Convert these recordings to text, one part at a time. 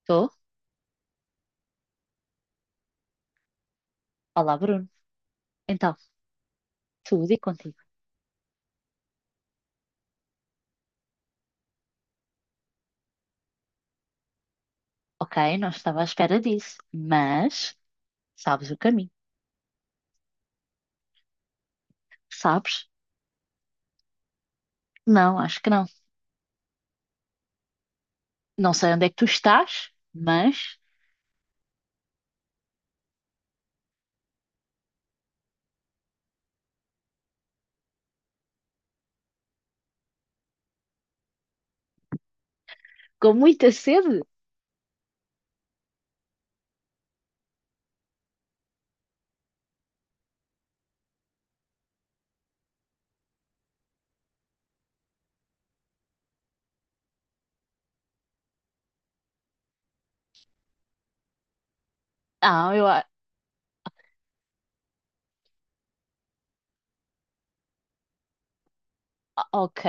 Estou? Olá, Bruno. Então, tudo e contigo. Ok, não estava à espera disso, mas sabes o caminho. Sabes? Não, acho que não. Não sei onde é que tu estás, mas com muita sede. Ah, eu. a- Ok,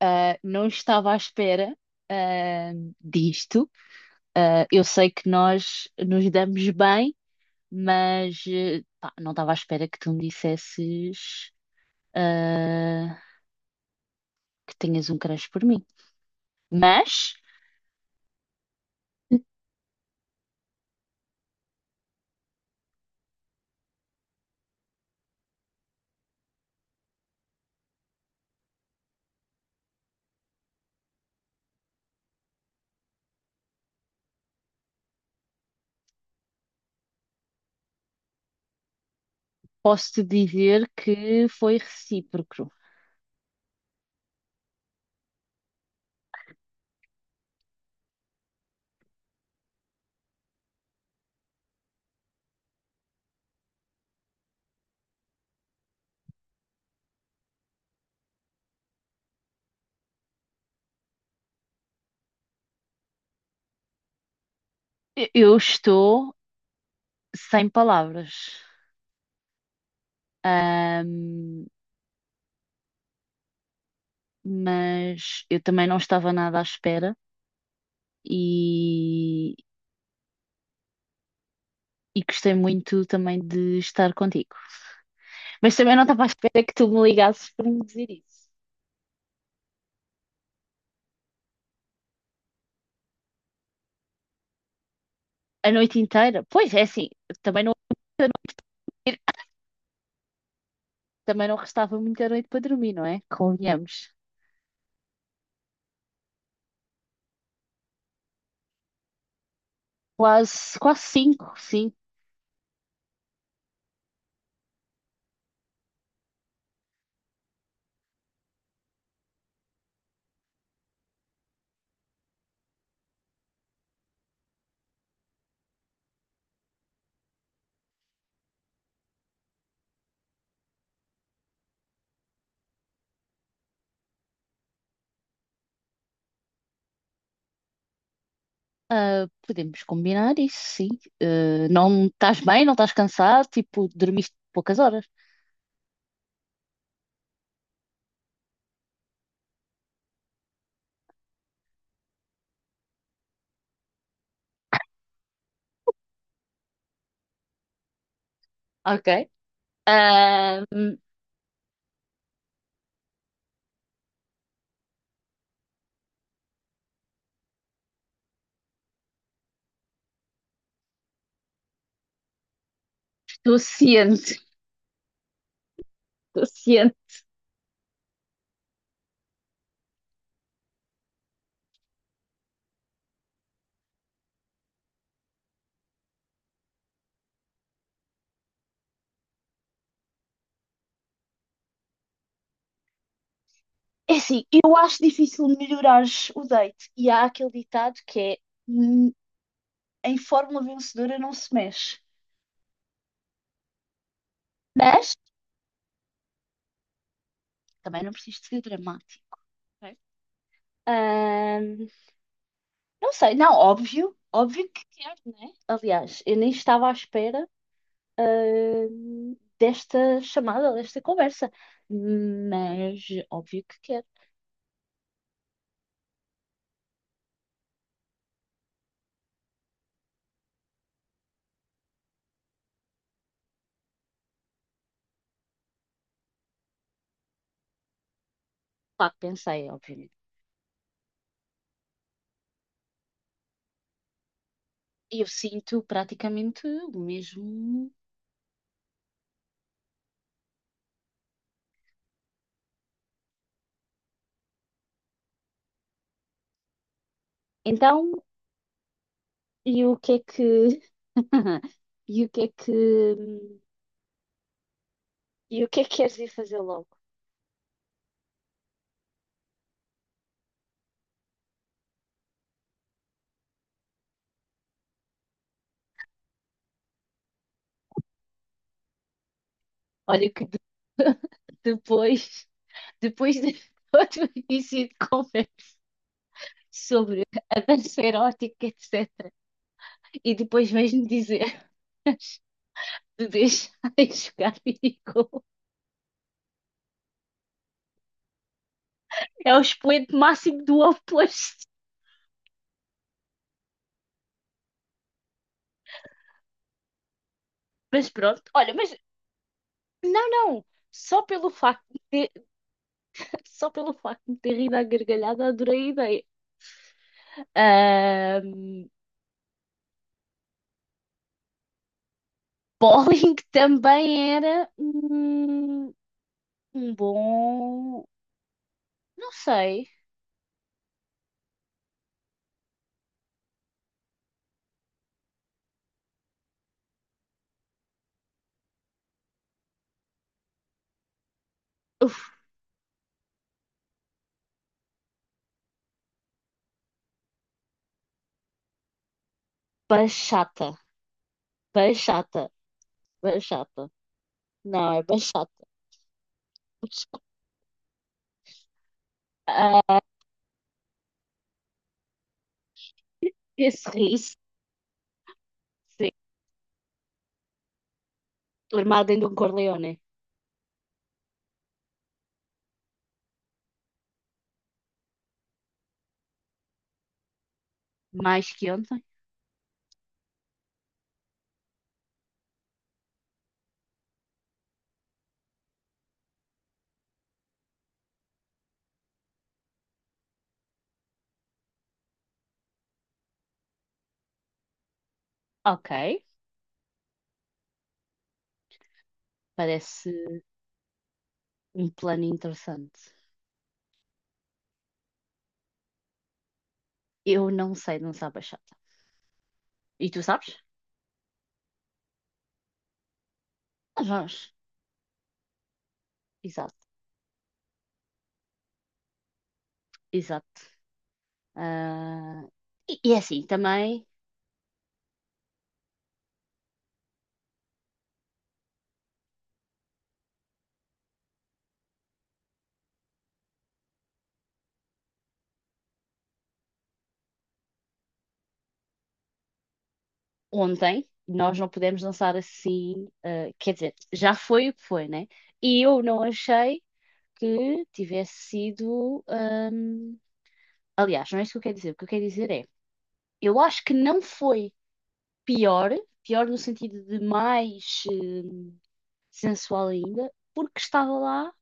não estava à espera, ah, disto. Eu sei que nós nos damos bem, mas pá, não estava à espera que tu me dissesses, ah, que tenhas um crush por mim. Mas posso-te dizer que foi recíproco. Eu estou sem palavras. Ahm, mas eu também não estava nada à espera, e, e gostei muito também de estar contigo. Mas também não estava à espera que tu me ligasses para me dizer isso. A noite inteira? Pois é, assim, também também não restava muita noite para dormir, não é? Convenhamos. Quase, quase cinco, sim. Ah, podemos combinar isso, sim. Ah, não estás bem, não estás cansado, tipo, dormiste poucas horas. Ok. Hum, estou ciente, estou ciente. É assim, eu acho difícil melhorares o date. E há aquele ditado que é "Hum, em fórmula vencedora não se mexe". Mas também não preciso de ser dramático, ok? Ahn, não sei. Não, óbvio, óbvio que quero, né? Aliás, eu nem estava à espera, ah, desta chamada, desta conversa. Mas óbvio que quero. Pá, pensei, obviamente. Eu sinto praticamente o mesmo. Então, e o que é que. E o que é que. E o que é que queres ir fazer logo? Olha que de- Depois, depois de outro início de conversa sobre a dança erótica, etc. E depois vais-me dizer de deixar de jogar videogame. É o expoente máximo do oposto. Mas pronto, olha, mas não, não. Só pelo facto de ter, só pelo facto de ter rido à gargalhada, adorei a ideia. Ahm, Bowling também era um, um bom. Não sei. Uf, bachata. Bachata. Bachata. Não, é bachata. Ah, Esse riso, sim. Armado em Don Corleone. Mais que ontem. Ok. Parece um plano interessante. Eu não sei dançar bachata. E tu sabes? Nós vamos. Exato, exato. Ah, e e é assim, também, ontem nós não pudemos dançar assim, quer dizer, já foi o que foi, né? E eu não achei que tivesse sido, aliás, não é isso que eu quero dizer. O que eu quero dizer é, eu acho que não foi pior, pior no sentido de mais sensual ainda, porque estava lá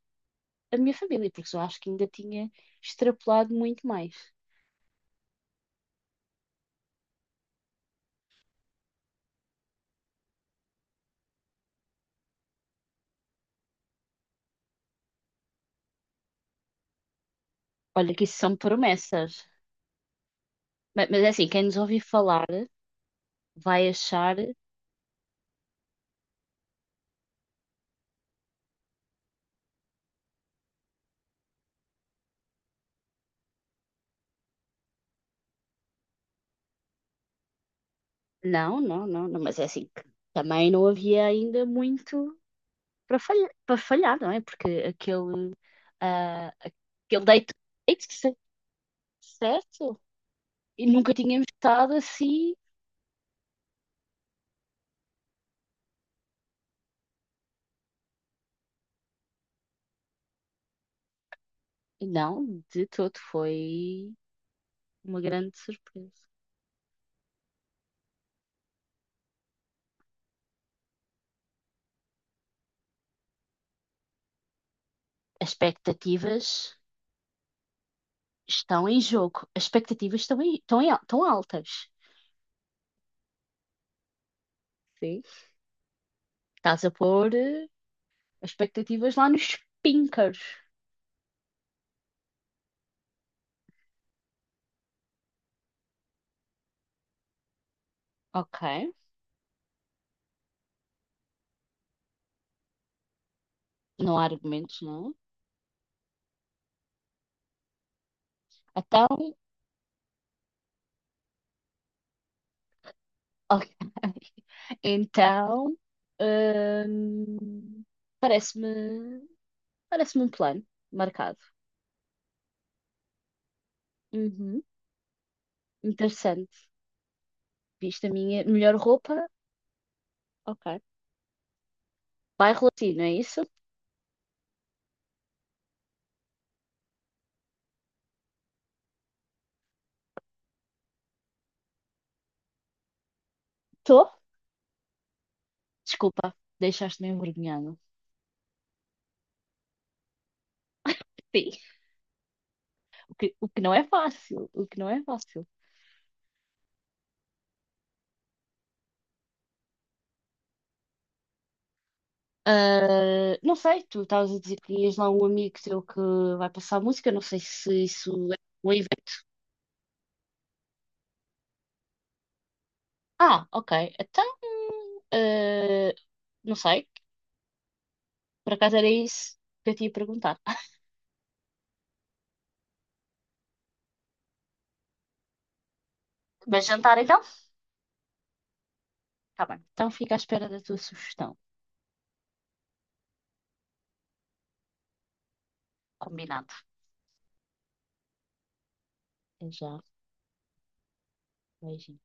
a minha família, porque eu acho que ainda tinha extrapolado muito mais. Olha, que isso são promessas. Mas é assim, quem nos ouvir falar vai achar, não, não, não, não, mas é assim, que também não havia ainda muito para falhar, não é? Porque aquele, ah, aquele date, date cer- certo? E nunca tínhamos estado assim. Não, de todo. Foi uma grande surpresa. As expectativas estão em jogo. As expectativas estão altas. Sim. Estás a pôr as expectativas lá nos pinkers. Ok. Não há argumentos, não? É? Então, ok. Então, hum, parece-me, parece-me um plano marcado. Uhum. Interessante. Viste a minha melhor roupa? Ok. Bairro Latino, é isso? Estou. Desculpa, deixaste-me envergonhado. Sim. O que não é fácil. O que não é fácil. Ah, não sei, tu estavas a dizer que ias lá um amigo teu que vai passar música, não sei se isso é um evento. Ah, ok. Então, ah, não sei, por acaso era isso que eu te ia perguntar. Mas jantar então? Tá bem. Então fica à espera da tua sugestão. Combinado. Até já. Beijinho.